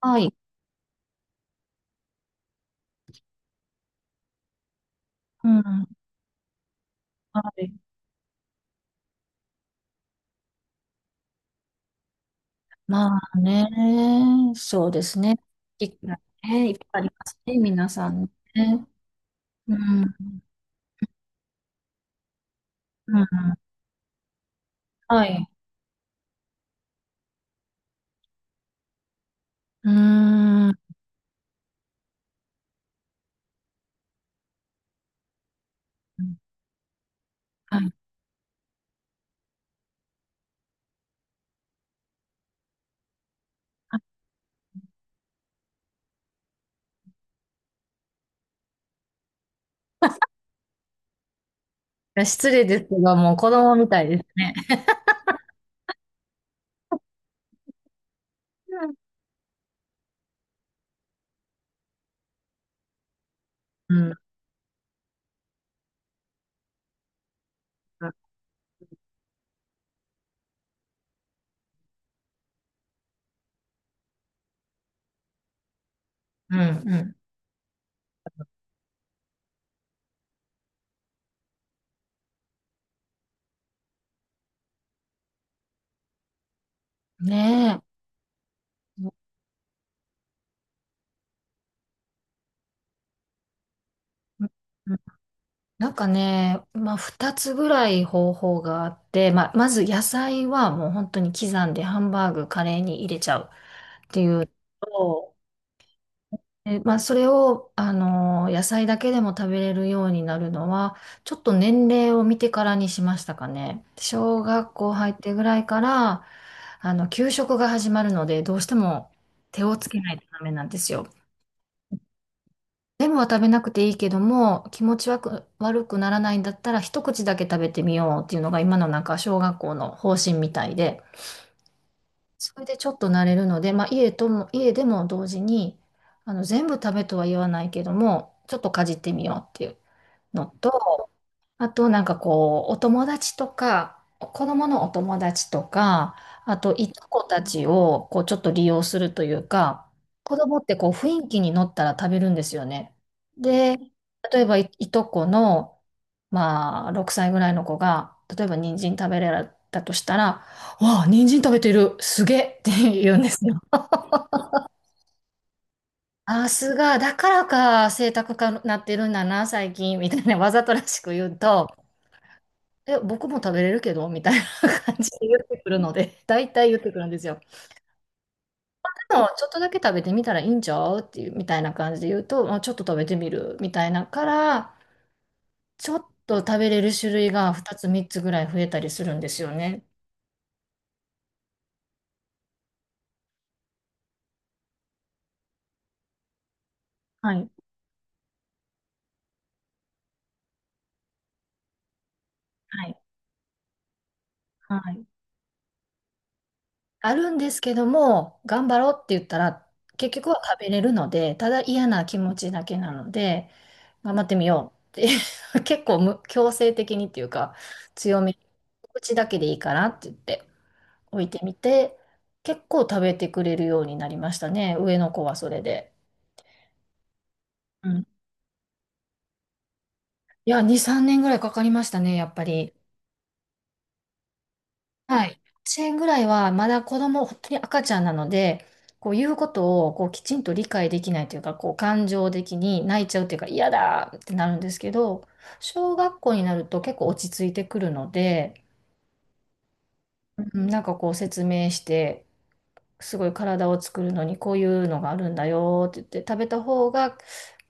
はい。うん。はい。まあね、そうですね。いっぱいね、いっぱいありますね、皆さんね。うん。うん。はい。うーん。はい。いや、失礼ですが、もう子供みたいですね。うん。うん。うん。うんねえ。うん。なんかね、まあ、2つぐらい方法があって、まあ、まず野菜はもう本当に刻んでハンバーグ、カレーに入れちゃうっていうのと、え、まあ、それを、野菜だけでも食べれるようになるのは、ちょっと年齢を見てからにしましたかね。小学校入ってぐらいから、あの、給食が始まるので、どうしても手をつけないとダメなんですよ。全部は食べなくていいけども、気持ち悪くならないんだったら、一口だけ食べてみようっていうのが今のなんか小学校の方針みたいで。それでちょっと慣れるので、まあ、家でも同時に、あの、全部食べとは言わないけども、ちょっとかじってみようっていうのと、あとなんかこう、お友達とか、子供のお友達とか、あといとこたちをこうちょっと利用するというか、子供ってこう雰囲気に乗ったら食べるんですよね。で、例えばいとこの、まあ、6歳ぐらいの子が、例えば人参食べれたとしたら、わあ、人参食べてる、すげえって言うんですよ。あ、だからか、性格かなってるんだな、最近、みたいなわざとらしく言うと、え、僕も食べれるけどみたいな感じで言ってくるので、大体言ってくるんですよ。でも、ちょっとだけ食べてみたらいいんちゃうっていう、みたいな感じで言うと、まあ、ちょっと食べてみるみたいなから、ちょっと食べれる種類が2つ3つぐらい増えたりするんですよね。はい。はい。はい、あるんですけども、頑張ろうって言ったら、結局は食べれるので、ただ嫌な気持ちだけなので、頑張ってみようって、 結構、強制的にっていうか、強めに、口だけでいいからって言って置いてみて、結構食べてくれるようになりましたね、上の子はそれで。うん。いや、2、3年ぐらいかかりましたね、やっぱり。はい。1円ぐらいはまだ子供、本当に赤ちゃんなので、こう言うことをこうきちんと理解できないというか、こう感情的に泣いちゃうというか、嫌だってなるんですけど、小学校になると結構落ち着いてくるので、うん、なんかこう説明して、すごい体を作るのにこういうのがあるんだよって言って食べた方が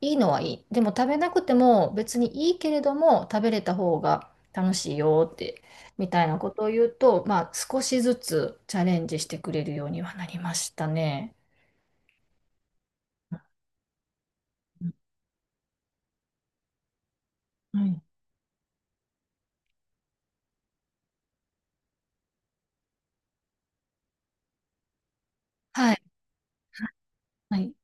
いいのはいい。でも食べなくても別にいいけれども食べれた方が楽しいよってみたいなことを言うと、まあ少しずつチャレンジしてくれるようにはなりましたね。はい。はい。はい、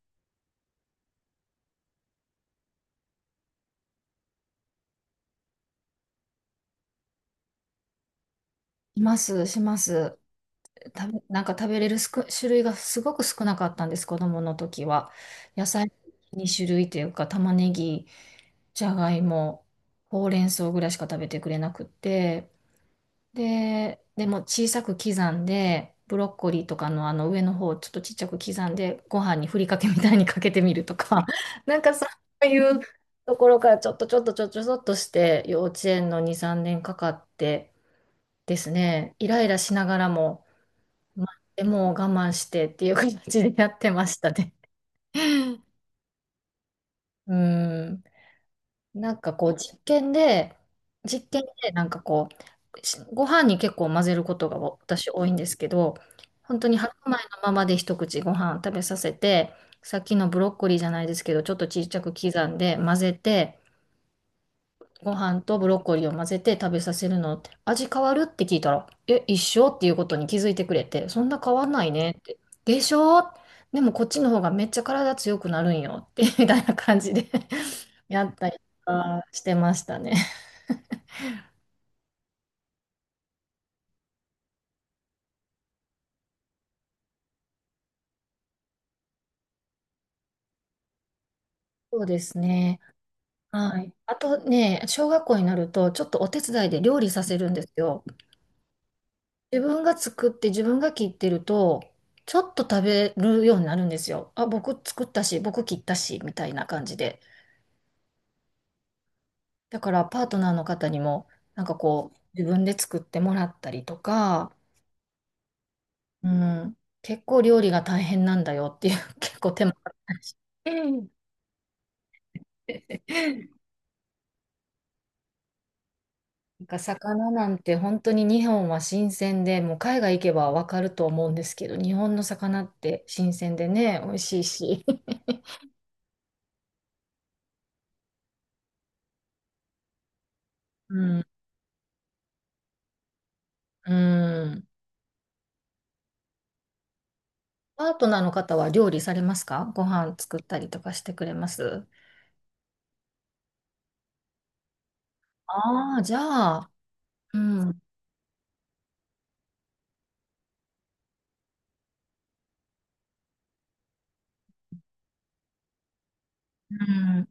います、します。なんか食べれる種類がすごく少なかったんです、子供の時は。野菜2種類というか、玉ねぎ、じゃがいも、ほうれん草ぐらいしか食べてくれなくって、で、でも小さく刻んで、ブロッコリーとかのあの上の方をちょっとちっちゃく刻んで、ご飯にふりかけみたいにかけてみるとか、なんかそういうところからちょっとちょっとちょっとちょっとして、幼稚園の2、3年かかってですね、イライラしながらも、まあ、でも我慢してっていう形でやってましたね。うん。なんかこう実験で、実験でなんかこう、ご飯に結構混ぜることが私多いんですけど、本当に白米のままで一口ご飯食べさせて、さっきのブロッコリーじゃないですけど、ちょっとちっちゃく刻んで混ぜて、ご飯とブロッコリーを混ぜて食べさせるのって、味変わるって聞いたら、え、一緒っていうことに気づいてくれて、そんな変わんないねって。でしょ。でもこっちの方がめっちゃ体強くなるんよって、みたいな感じで やったりとかしてましたね。そうですね。はい。あとね、小学校になると、ちょっとお手伝いで料理させるんですよ。自分が作って自分が切ってると、ちょっと食べるようになるんですよ。あ、僕作ったし、僕切ったし、みたいな感じで。だからパートナーの方にも、なんかこう、自分で作ってもらったりとか、うん、結構料理が大変なんだよっていう、結構手間かかったりして、 なんか魚なんて本当に日本は新鮮で、もう海外行けばわかると思うんですけど、日本の魚って新鮮でね、美味しいし。うん、うん。パートナーの方は料理されますか？ご飯作ったりとかしてくれます？ああー、じゃあ、うん、うん、うん、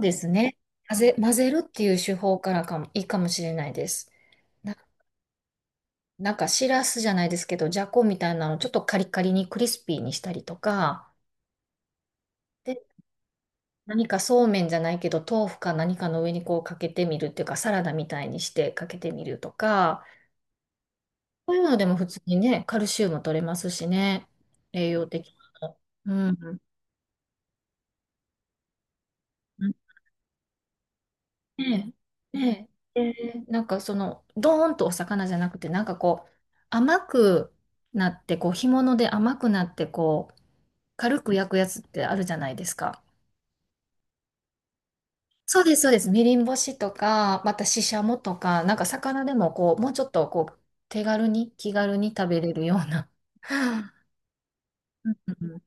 ですね。混ぜるっていう手法からかも、いいかもしれないです。な、なんかしらすじゃないですけど、じゃこみたいなのちょっとカリカリにクリスピーにしたりとか、で、何かそうめんじゃないけど、豆腐か何かの上にこうかけてみるっていうか、サラダみたいにしてかけてみるとか、そういうのでも普通にね、カルシウム取れますしね、栄養的なの。うん。ええ、ええ、ええ、なんかその、ドーンとお魚じゃなくて、なんかこう、甘くなって、こう、干物で甘くなって、こう、軽く焼くやつってあるじゃないですか。そうです、そうです。みりん干しとか、またししゃもとか、なんか魚でもこう、もうちょっとこう、手軽に、気軽に食べれるような。うんうん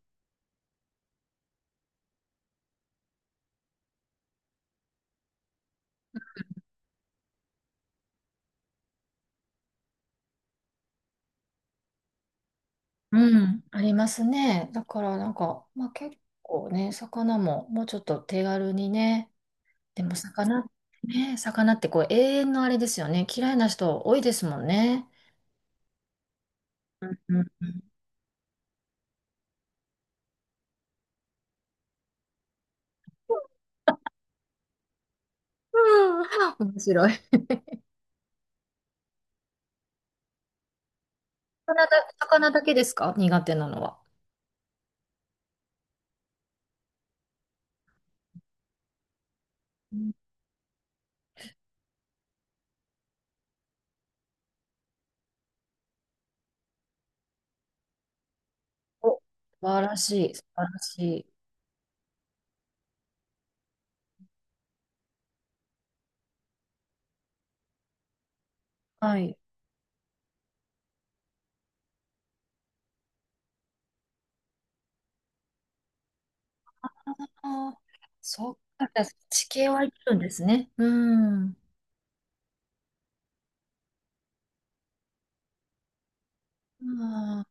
うん、ありますね。だからなんか、まあ、結構ね、魚ももうちょっと手軽にね、でも魚ってこう、永遠のあれですよね。嫌いな人多いですもんね。うんうん。面白い。魚だけですか、苦手なのは？うん。お、素晴らしい、素晴らしい。はい。ああ、そうか、じゃあ地形はいけるんですね。うん。ああ、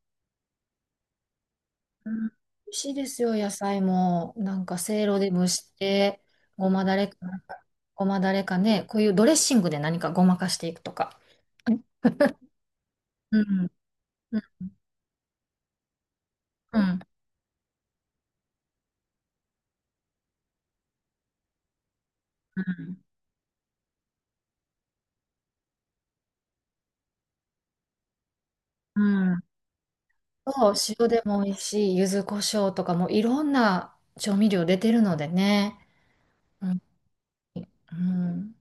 うん、美味しいですよ、野菜も。なんか、せいろで蒸して、ごまだれか、ごまだれかね、こういうドレッシングで何かごまかしていくとか。うん。うん。うんうん。うん。そう、塩でも美味しい、柚子胡椒とかもいろんな調味料出てるのでね。うん。うん。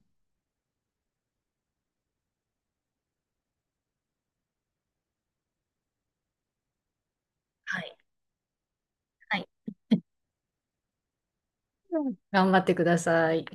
はい。はい。うん、頑張ってください。